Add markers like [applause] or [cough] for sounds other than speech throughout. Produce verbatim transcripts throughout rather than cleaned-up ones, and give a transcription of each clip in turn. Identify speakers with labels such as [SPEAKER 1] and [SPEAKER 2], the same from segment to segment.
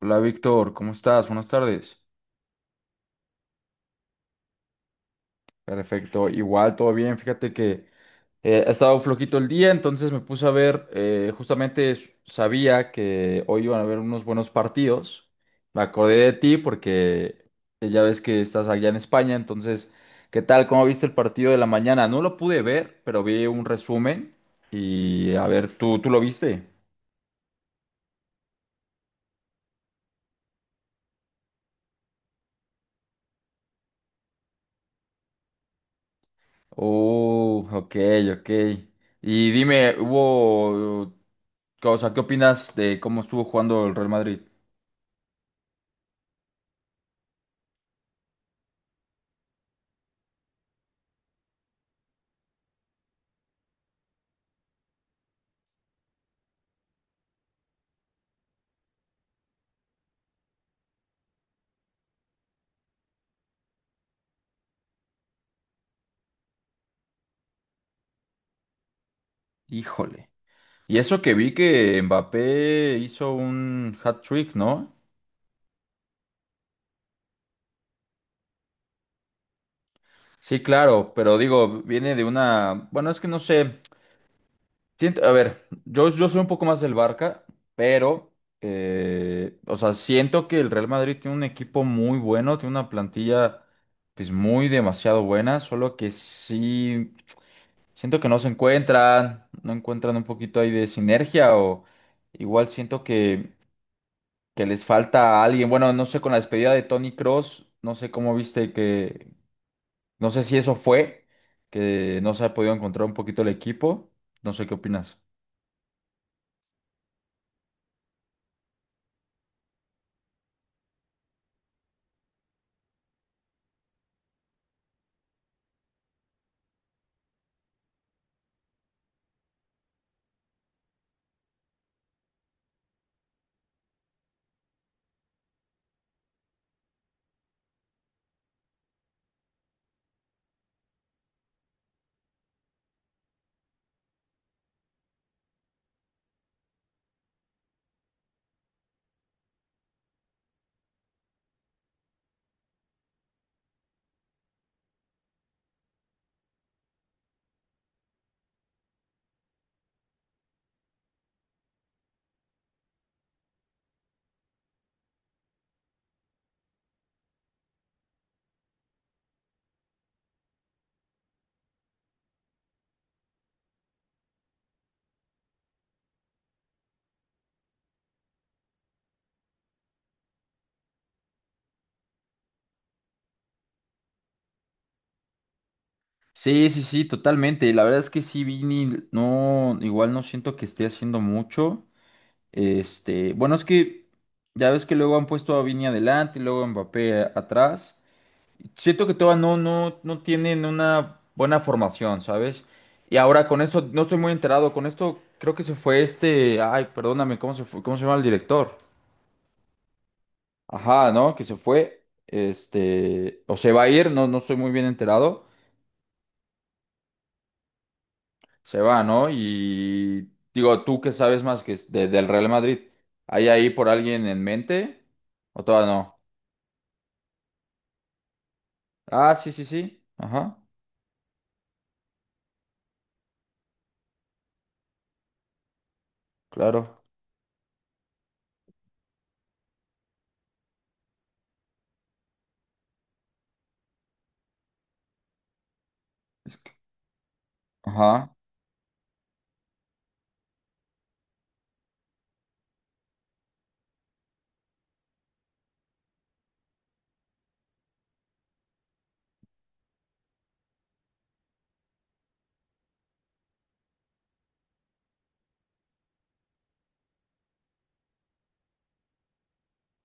[SPEAKER 1] Hola Víctor, ¿cómo estás? Buenas tardes. Perfecto, igual todo bien. Fíjate que eh, ha estado flojito el día, entonces me puse a ver, eh, justamente s- sabía que hoy iban a haber unos buenos partidos. Me acordé de ti porque eh, ya ves que estás allá en España, entonces, ¿qué tal? ¿Cómo viste el partido de la mañana? No lo pude ver, pero vi un resumen y a ver, ¿tú, tú lo viste? Uh, ok, ok. Y dime, hubo, o sea, ¿qué opinas de cómo estuvo jugando el Real Madrid? Híjole. Y eso que vi que Mbappé hizo un hat-trick, ¿no? Sí, claro, pero digo, viene de una, bueno, es que no sé, siento, a ver, yo, yo soy un poco más del Barca, pero, eh, o sea, siento que el Real Madrid tiene un equipo muy bueno, tiene una plantilla, pues, muy demasiado buena, solo que sí. Siento que no se encuentran, no encuentran un poquito ahí de sinergia o igual siento que, que les falta alguien. Bueno, no sé, con la despedida de Tony Cross, no sé cómo viste que, no sé si eso fue, que no se ha podido encontrar un poquito el equipo. No sé qué opinas. Sí, sí, sí, totalmente. La verdad es que sí, Vini, no, igual no siento que esté haciendo mucho. Este, bueno, es que ya ves que luego han puesto a Vini adelante y luego a Mbappé atrás. Siento que todavía no, no, no tienen una buena formación, ¿sabes? Y ahora con esto, no estoy muy enterado, con esto creo que se fue este, ay, perdóname, ¿cómo se fue? ¿Cómo se llama el director? Ajá, ¿no? Que se fue, este, o se va a ir, no, no estoy muy bien enterado, se va, ¿no? Y digo, tú que sabes más que es de- del Real Madrid, ¿hay ahí por alguien en mente? ¿O todavía no? Ah, sí, sí, sí, ajá, claro. Es que- Ajá.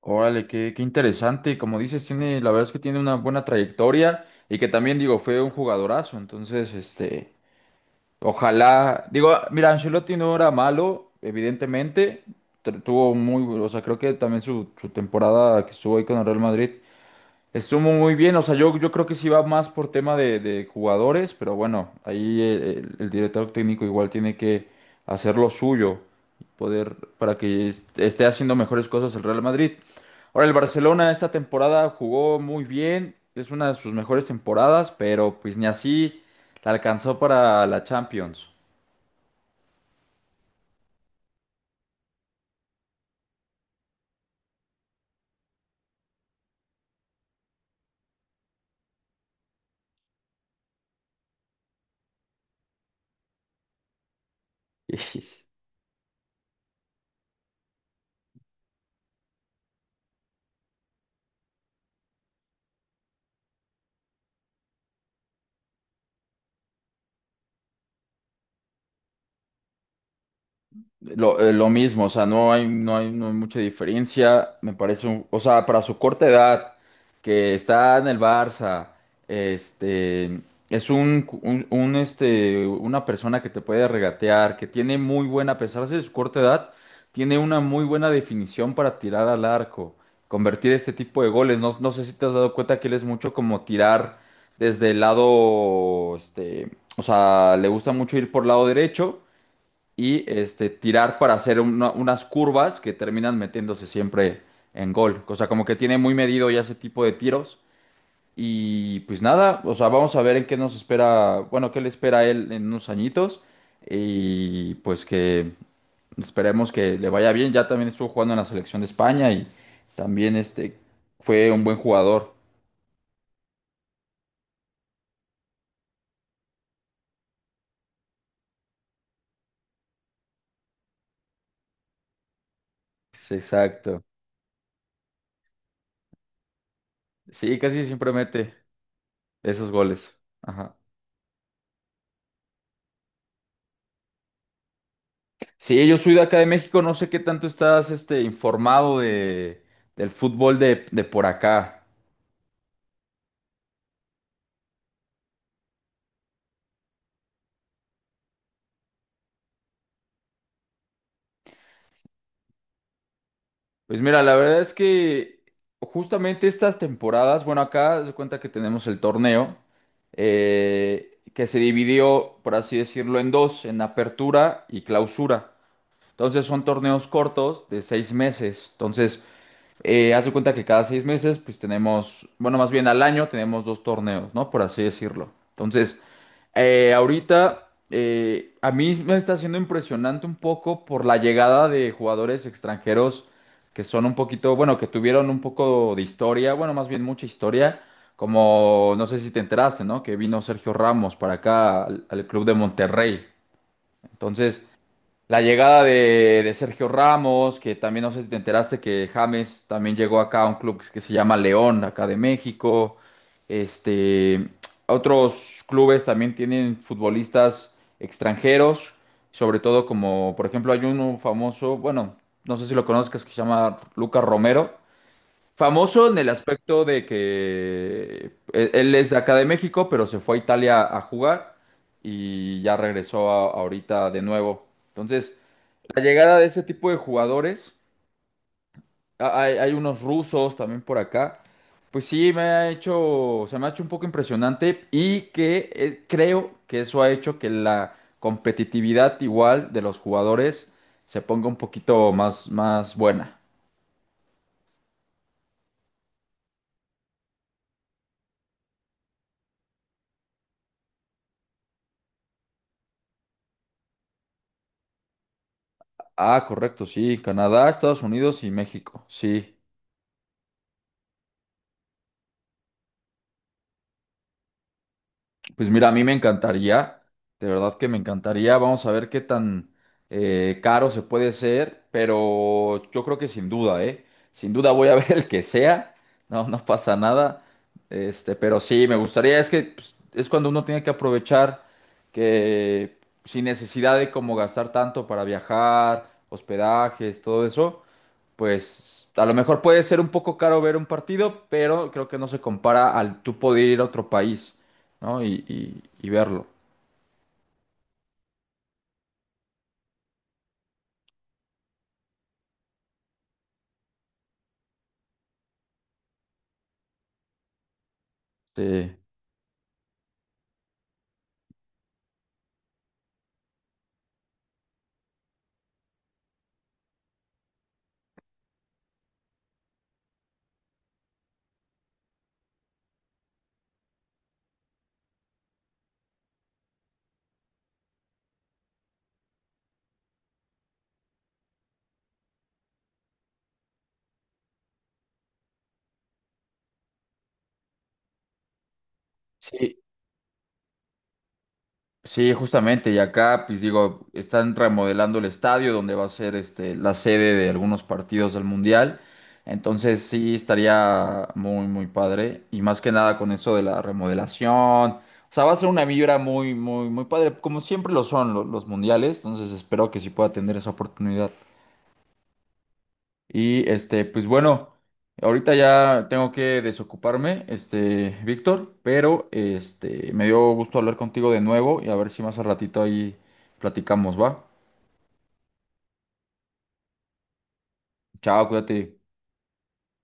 [SPEAKER 1] Órale, qué, qué interesante. Como dices, tiene, la verdad es que tiene una buena trayectoria y que también, digo, fue un jugadorazo. Entonces, este, ojalá, digo, ah, mira, Ancelotti no era malo, evidentemente. tr- Tuvo muy, o sea, creo que también su, su temporada que estuvo ahí con el Real Madrid. Estuvo muy bien, o sea, yo, yo creo que sí va más por tema de, de jugadores, pero bueno, ahí el, el- director técnico igual tiene que hacer lo suyo, poder para que est- esté haciendo mejores cosas el Real Madrid. Ahora, el Barcelona esta temporada jugó muy bien, es una de sus mejores temporadas, pero pues ni así la alcanzó para la Champions. [laughs] Lo, eh, lo mismo, o sea, no hay, no hay, no hay mucha diferencia. Me parece un, o sea, para su corta edad, que está en el Barça, este, es un, un, un, este, una persona que te puede regatear, que tiene muy buena, a pesar de su corta edad, tiene una muy buena definición para tirar al arco, convertir este tipo de goles. No, no sé si te has dado cuenta que él es mucho como tirar desde el lado, este, o sea, le gusta mucho ir por lado derecho y este, tirar para hacer una- unas curvas que terminan metiéndose siempre en gol. O sea, como que tiene muy medido ya ese tipo de tiros. Y pues nada, o sea, vamos a ver en qué nos espera, bueno, qué le espera a él en unos añitos. Y pues que esperemos que le vaya bien. Ya también estuvo jugando en la selección de España y también este fue un buen jugador. Sí, Exacto. Sí, casi siempre mete esos goles. Ajá. Sí, yo soy de acá de México, no sé qué tanto estás este, informado de, del fútbol de, de por acá. Pues mira, la verdad es que justamente estas temporadas, bueno, acá se cuenta que tenemos el torneo eh, que se dividió, por así decirlo, en dos, en apertura y clausura. Entonces son torneos cortos de seis meses. Entonces, eh, haz de cuenta que cada seis meses, pues tenemos, bueno, más bien al año tenemos dos torneos, ¿no? Por así decirlo. Entonces... Eh, ahorita eh, a mí me está siendo impresionante un poco por la llegada de jugadores extranjeros que son un poquito, bueno, que tuvieron un poco de historia, bueno, más bien mucha historia, como no sé si te enteraste, ¿no? Que vino Sergio Ramos para acá al, al club de Monterrey. Entonces, la llegada de, de Sergio Ramos, que también no sé si te enteraste que James también llegó acá a un club que se llama León, acá de México. Este, otros clubes también tienen futbolistas extranjeros, sobre todo como, por ejemplo, hay uno famoso, bueno, no sé si lo conozcas, que se llama Lucas Romero. Famoso en el aspecto de que él él es de acá de México, pero se fue a Italia a jugar y ya regresó a- ahorita de nuevo. Entonces, la llegada de ese tipo de jugadores, a- hay, hay unos rusos también por acá, pues sí me ha hecho, se me ha hecho un poco impresionante y que eh, creo que eso ha hecho que la competitividad igual de los jugadores se ponga un poquito más, más buena. Ah, correcto, sí, Canadá, Estados Unidos y México, sí. Pues mira, a mí me encantaría, de verdad que me encantaría. Vamos a ver qué tan eh, caro se puede ser, pero yo creo que sin duda, ¿eh? Sin duda voy a [laughs] ver el que sea, no, no pasa nada. Este, pero sí, me gustaría, es que pues, es cuando uno tiene que aprovechar que sin necesidad de como gastar tanto para viajar, hospedajes, todo eso, pues a lo mejor puede ser un poco caro ver un partido, pero creo que no se compara al tú poder ir a otro país, ¿no? Y, y- y verlo. Sí, sí, sí, justamente. Y acá, pues digo, están remodelando el estadio donde va a ser este, la sede de algunos partidos del Mundial. Entonces sí estaría muy, muy padre. Y más que nada con eso de la remodelación. O sea, va a ser una vibra muy, muy, muy padre, como siempre lo son lo- los mundiales. Entonces espero que sí pueda tener esa oportunidad. Y este, pues bueno, ahorita ya tengo que desocuparme, este, Víctor, pero este, me dio gusto hablar contigo de nuevo y a ver si más al ratito ahí platicamos, ¿va? Chao, cuídate.